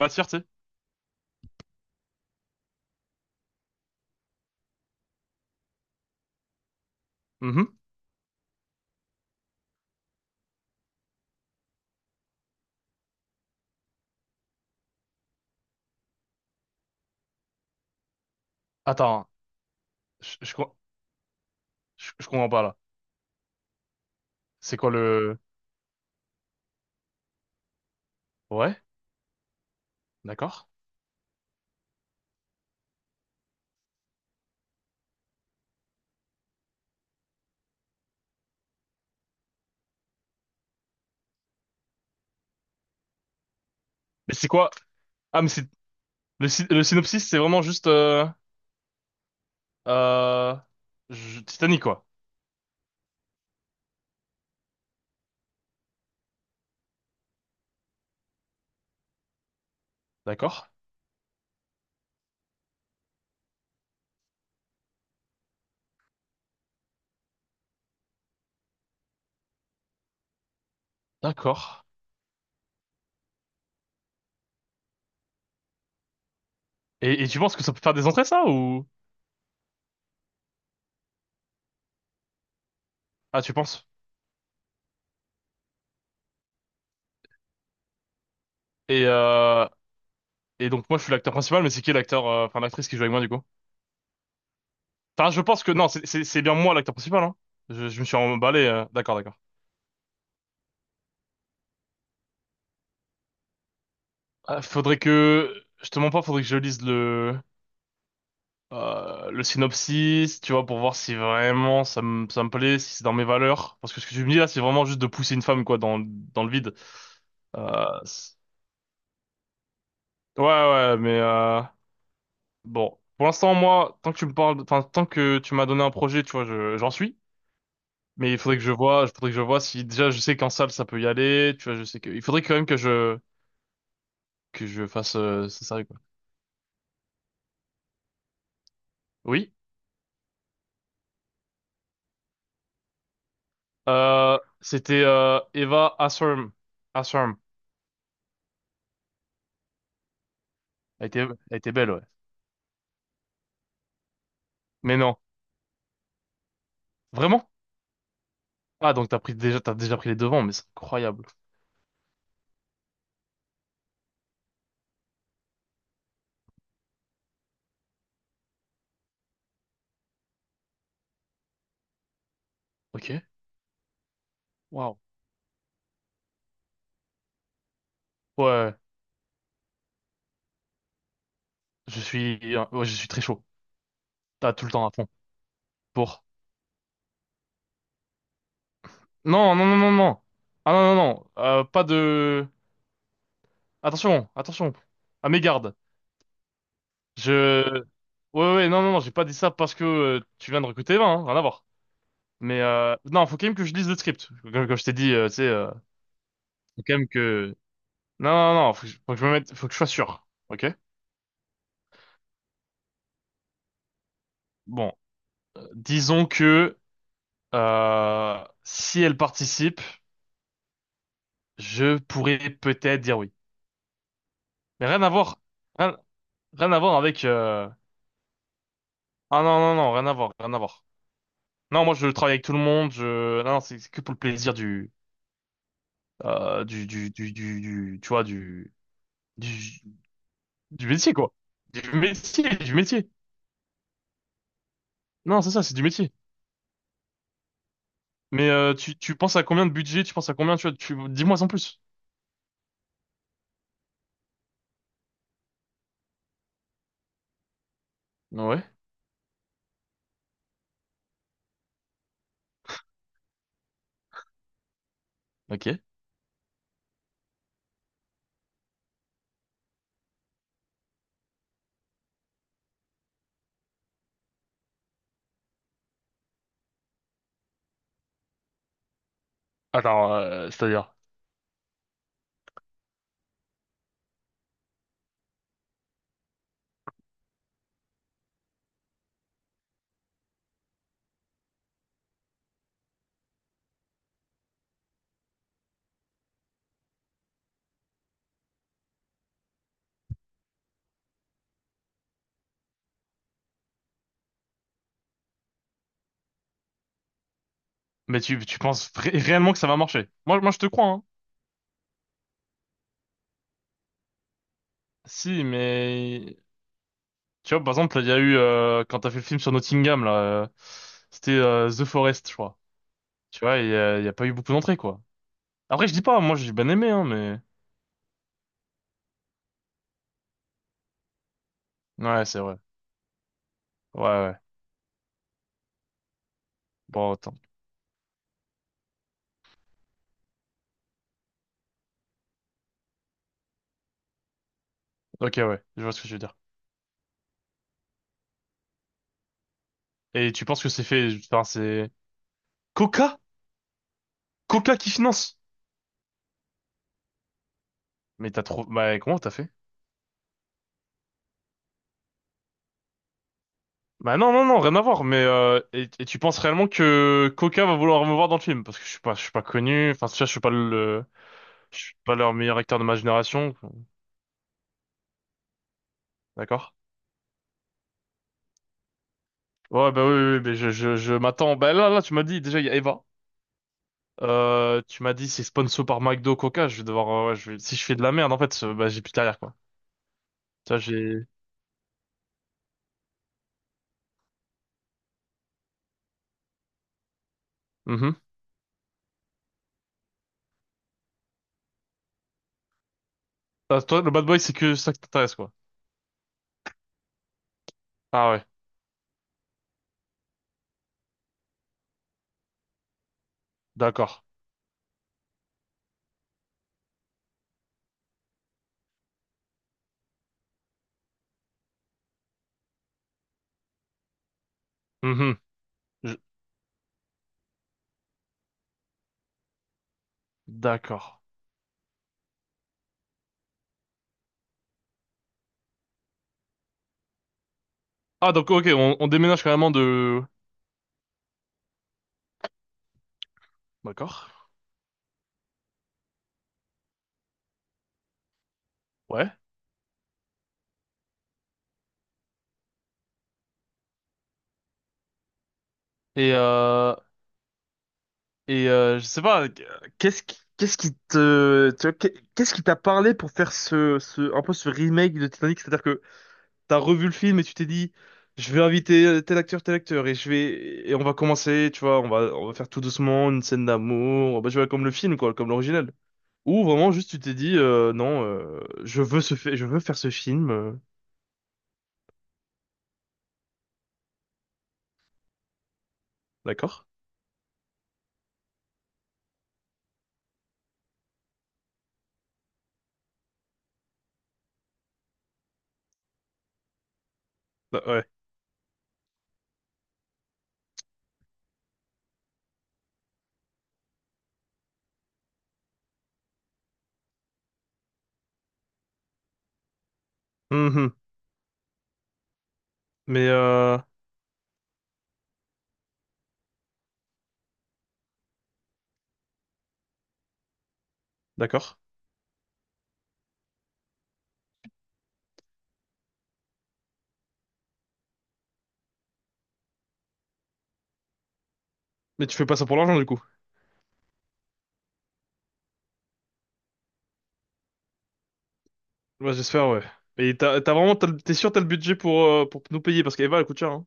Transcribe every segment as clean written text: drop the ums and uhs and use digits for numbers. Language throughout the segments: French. Matière, tu sais. Mhm. Attends, je, je, com- je comprends pas là. C'est quoi le... Ouais, d'accord. Mais c'est quoi... Ah, mais c'est... Le synopsis, c'est vraiment juste... euh, Titanic, quoi. D'accord. D'accord. Et tu penses que ça peut faire des entrées, ça, ou... Ah, tu penses? Et, euh... et donc, moi, je suis l'acteur principal, mais c'est qui l'acteur... Enfin, l'actrice qui joue avec moi, du coup? Enfin, je pense que... Non, c'est bien moi, l'acteur principal, hein. Je me suis emballé. D'accord, d'accord. Ah, faudrait que... Je te mens pas, faudrait que je lise le... Le synopsis, tu vois, pour voir si vraiment ça me plaît, si c'est dans mes valeurs. Parce que ce que tu me dis là, c'est vraiment juste de pousser une femme quoi dans dans le vide. Euh, c'est- ouais ouais, mais bon, pour l'instant moi, tant que tu me parles, enfin tant que tu m'as donné un projet, tu vois, j'en suis. Mais il faudrait que je vois, il faudrait que je vois si déjà je sais qu'en salle ça peut y aller, tu vois, je sais que il faudrait quand même que je fasse c'est sérieux quoi. Oui. C'était Eva Asserm. Asserm. Elle était belle ouais. Mais non. Vraiment? Ah, donc t'as pris déjà, t'as déjà pris les devants, mais c'est incroyable. Ok. Waouh. Ouais, ouais, je suis très chaud. T'as tout le temps à fond. Pour. Non, non, non, non, non. Ah non, non, non. Pas de. Attention, attention. À mes gardes. Je. Ouais, ouais, non, non, non. J'ai pas dit ça parce que tu viens de recruter 20, hein, rien à voir. Mais non, faut quand même que je lise le script. Comme, comme je t'ai dit, tu sais, faut quand même que. Non, non, non. Faut que je me mette, faut que je sois sûr. Ok. Bon, disons que si elle participe. Je pourrais peut-être dire oui. Mais rien à voir. Rien, rien à voir avec... Ah non, non, non, rien à voir, rien à voir. Non, moi je travaille avec tout le monde, je... Non, non, c'est que pour le plaisir du, Tu vois, du... Du métier, quoi. Du métier, du métier. Non, c'est ça, c'est du métier. Mais tu, tu penses à combien de budget, tu penses à combien, tu vois, tu... Dis-moi en plus. Ouais, ok. Alors, c'est-à-dire... Mais tu, tu penses réellement que ça va marcher? Moi, moi je te crois, hein. Si, mais tu vois, par exemple, il y a eu, quand t'as fait le film sur Nottingham, là, euh, c'était The Forest, je crois. Tu vois, il y a pas eu beaucoup d'entrées, quoi. Après, je dis pas, moi, j'ai bien aimé, hein, mais... Ouais, c'est vrai. Ouais, ouais. Bon, attends. Ok, ouais, je vois ce que je veux dire. Et tu penses que c'est fait... Enfin, c'est... Coca? Coca qui finance? Mais t'as trop... Bah, comment t'as fait? Bah non, non, non, rien à voir, mais et tu penses réellement que Coca va vouloir me voir dans le film? Parce que je suis pas connu, enfin, tu vois, je suis pas le... Je suis pas leur meilleur acteur de ma génération, d'accord? Ouais, bah oui, oui, oui, mais je m'attends. Bah là, là, tu m'as dit, déjà, il y a Eva. Tu m'as dit, c'est sponsor par McDo, Coca. Je vais devoir, ouais, si je fais de la merde, en fait, bah, j'ai plus de carrière, quoi. Ça, j'ai, mhm. Ah, toi, le bad boy, c'est que ça qui t'intéresse, quoi. Ah ouais, d'accord. Mhm. Je- D'accord. Ah, donc, ok, on déménage carrément de, d'accord. Ouais. Et, euh, et, je sais pas, qu'est-ce qui te, tu vois, qu'est- qu'est-ce qui t'a parlé pour faire ce, ce, un peu ce remake de Titanic? C'est-à-dire t'as revu le film et tu t'es dit, je vais inviter tel acteur, et je vais, et on va commencer, tu vois, on va faire tout doucement une scène d'amour, on va jouer comme le film, quoi, comme l'original. Ou vraiment juste tu t'es dit, non, je veux ce, fait, je veux faire ce film, d'accord? Bah, ouais. Mhm. Mais d'accord. Mais tu fais pas ça pour l'argent du coup. Bah, j'espère, ouais. Et t'as, t'as vraiment, t'es sûr t'as le budget pour nous payer parce qu'Eva elle coûte cher, hein.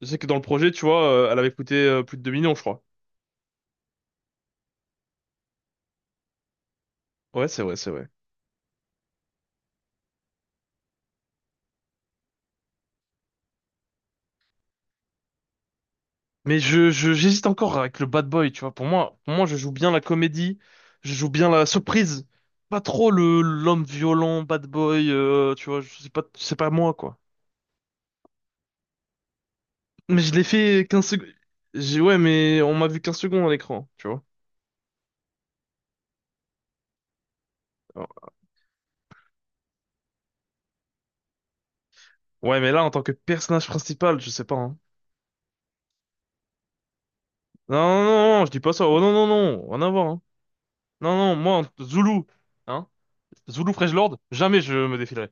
Je sais que dans le projet, tu vois, elle avait coûté plus de 2 millions, je crois. Ouais, c'est vrai, c'est vrai. Mais j'hésite encore avec le bad boy, tu vois. Pour moi, je joue bien la comédie, je joue bien la surprise. Pas trop le l'homme violent, bad boy, tu vois, c'est pas moi, quoi. Mais je l'ai fait 15 secondes. J'ai, ouais, mais on m'a vu 15 secondes à l'écran, tu vois. Alors, ouais, mais là, en tant que personnage principal, je sais pas, hein. Non, non, non, non, je dis pas ça. Oh non, non, non, rien à voir, hein. Non, non, moi, Zulu, hein. Zulu Fresh Lord, jamais je me défilerai.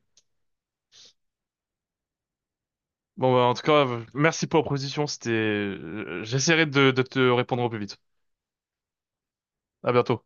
Bon, bah, en tout cas, merci pour la proposition. C'était, j'essaierai de te répondre au plus vite. À bientôt.